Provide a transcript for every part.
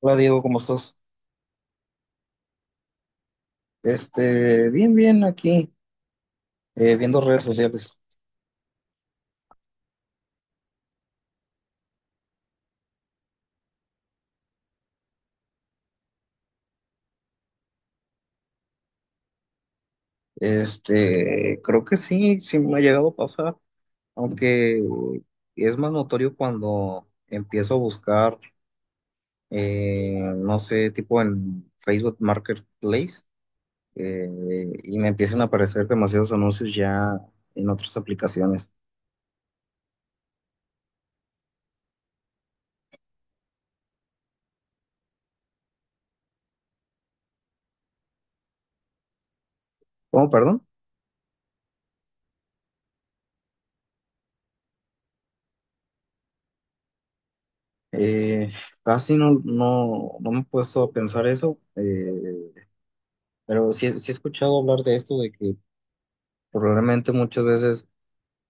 Hola Diego, ¿cómo estás? Bien, bien aquí, viendo redes sociales. Creo que sí, sí me ha llegado a pasar, aunque es más notorio cuando empiezo a buscar, no sé, tipo en Facebook Marketplace, eh, y me empiezan a aparecer demasiados anuncios ya en otras aplicaciones. ¿Cómo, perdón? Eh, casi no, no, no me he puesto a pensar eso. Pero sí, sí he escuchado hablar de esto, de que probablemente muchas veces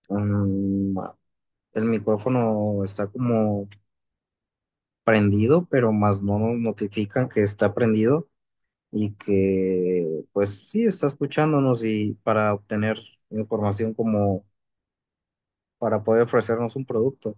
mm, el micrófono está como prendido, pero más no nos notifican que está prendido y que pues sí está escuchándonos y para obtener información como para poder ofrecernos un producto.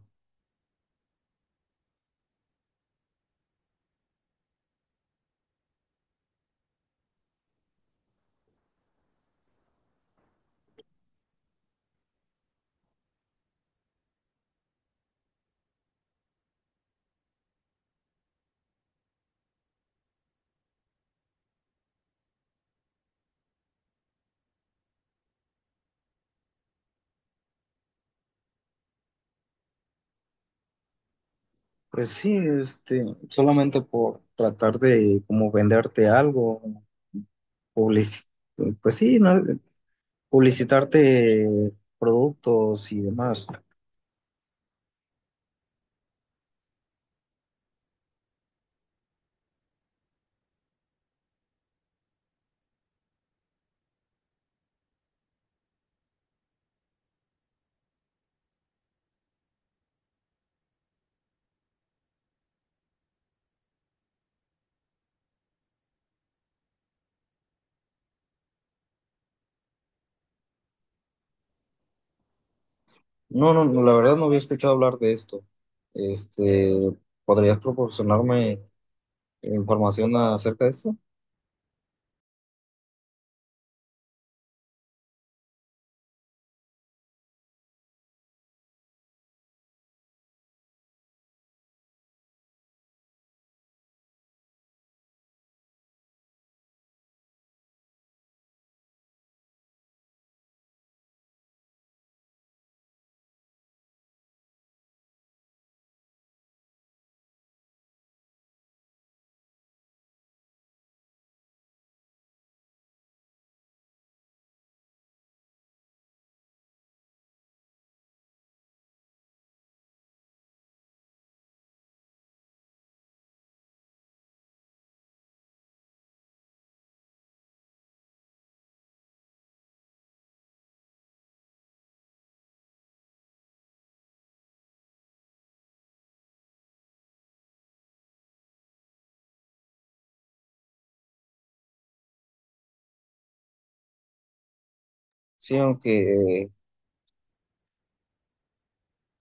Pues sí, este, solamente por tratar de como venderte algo, publici- pues sí, ¿no? Publicitarte productos y demás. No, no, no, la verdad no había escuchado hablar de esto. Este, ¿podrías proporcionarme información acerca de esto? Sí, aunque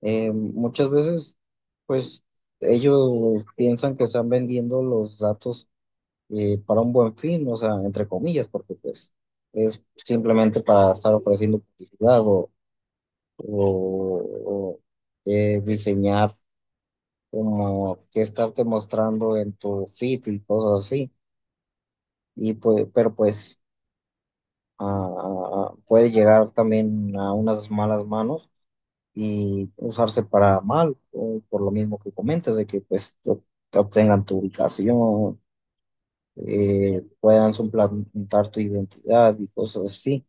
muchas veces, pues, ellos piensan que están vendiendo los datos, para un buen fin, o sea, entre comillas, porque pues es simplemente para estar ofreciendo publicidad o diseñar como que estarte mostrando en tu feed y cosas así. Y pues, pero pues puede llegar también a unas malas manos y usarse para mal, o por lo mismo que comentas, de que pues te obtengan tu ubicación, puedan suplantar tu identidad y cosas así,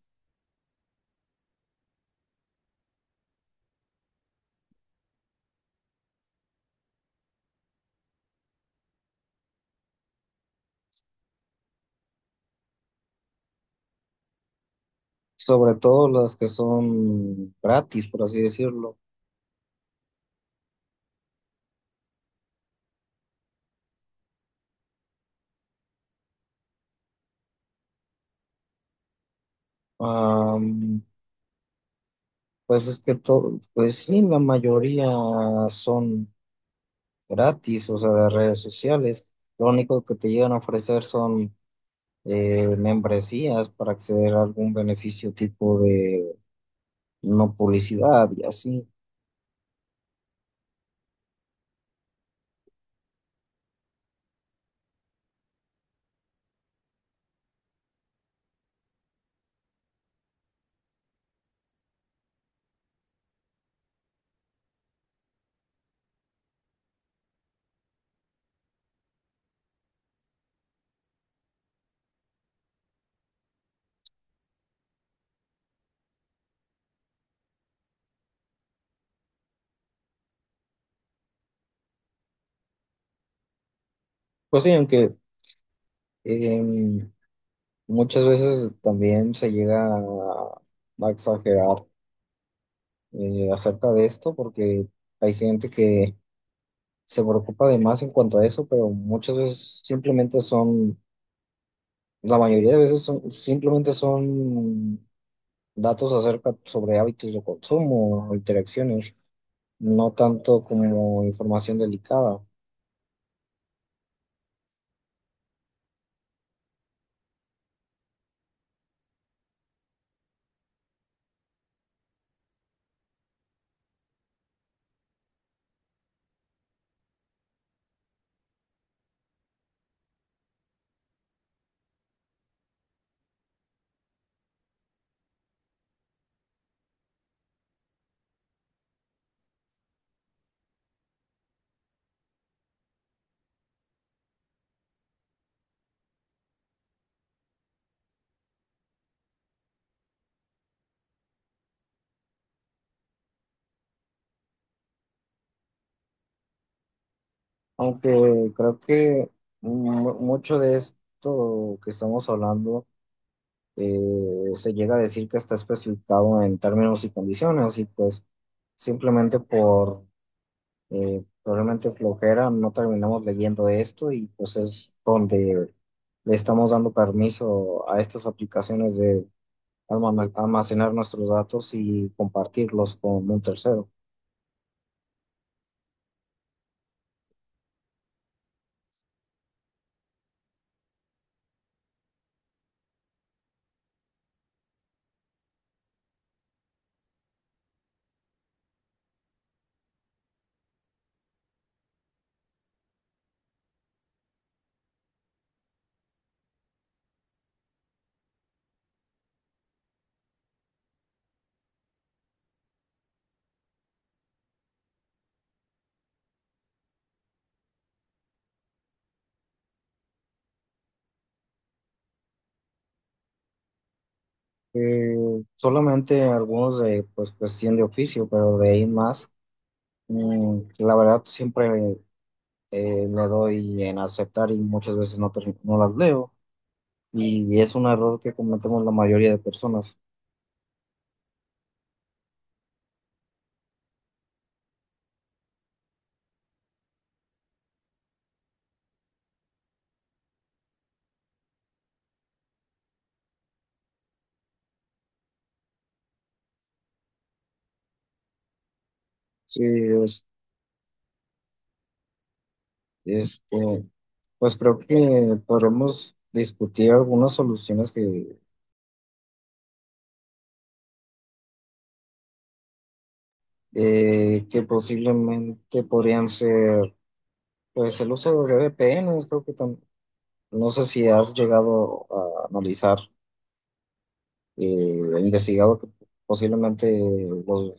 sobre todo las que son gratis, por así decirlo. Am, pues es que todo, pues sí, la mayoría son gratis, o sea, de redes sociales. Lo único que te llegan a ofrecer son membresías para acceder a algún beneficio tipo de no publicidad y así. Pues sí, aunque em, muchas veces también se llega a exagerar acerca de esto porque hay gente que se preocupa de más en cuanto a eso, pero muchas veces simplemente son, la mayoría de veces son, simplemente son datos acerca sobre hábitos de consumo, o interacciones, no tanto como información delicada. Aunque creo que mucho de esto que estamos hablando se llega a decir que está especificado en términos y condiciones y pues simplemente por probablemente flojera no terminamos leyendo esto y pues es donde le estamos dando permiso a estas aplicaciones de almacenar nuestros datos y compartirlos con un tercero. Eh, solamente algunos de pues cuestión de oficio, pero de ahí en más. Mm, la verdad, siempre le doy en aceptar y muchas veces no, no las leo. Y es un error que cometemos la mayoría de personas. Sí, es, este, pues creo que podremos discutir algunas soluciones que posiblemente podrían ser, pues el uso de VPNs, creo que no sé si has llegado a analizar. He investigado que posiblemente los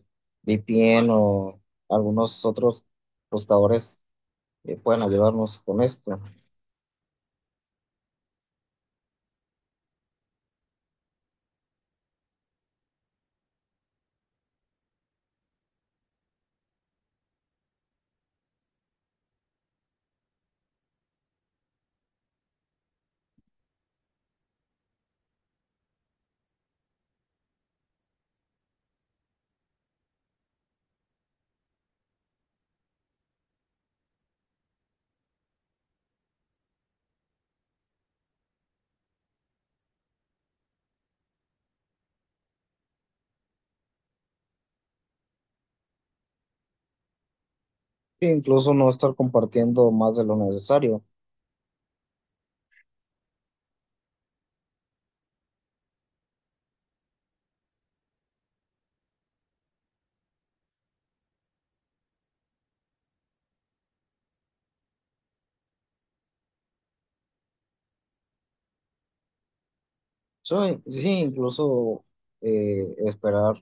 VPN o algunos otros buscadores pueden ayudarnos con esto. E incluso no estar compartiendo más de lo necesario. So, sí, incluso esperar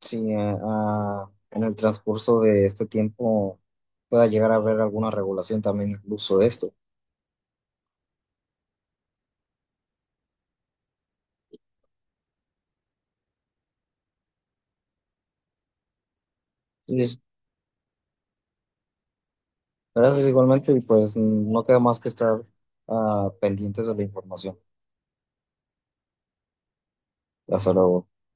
si en el transcurso de este tiempo pueda llegar a haber alguna regulación también incluso de esto. Y gracias igualmente y pues no queda más que estar pendientes de la información. Hasta luego.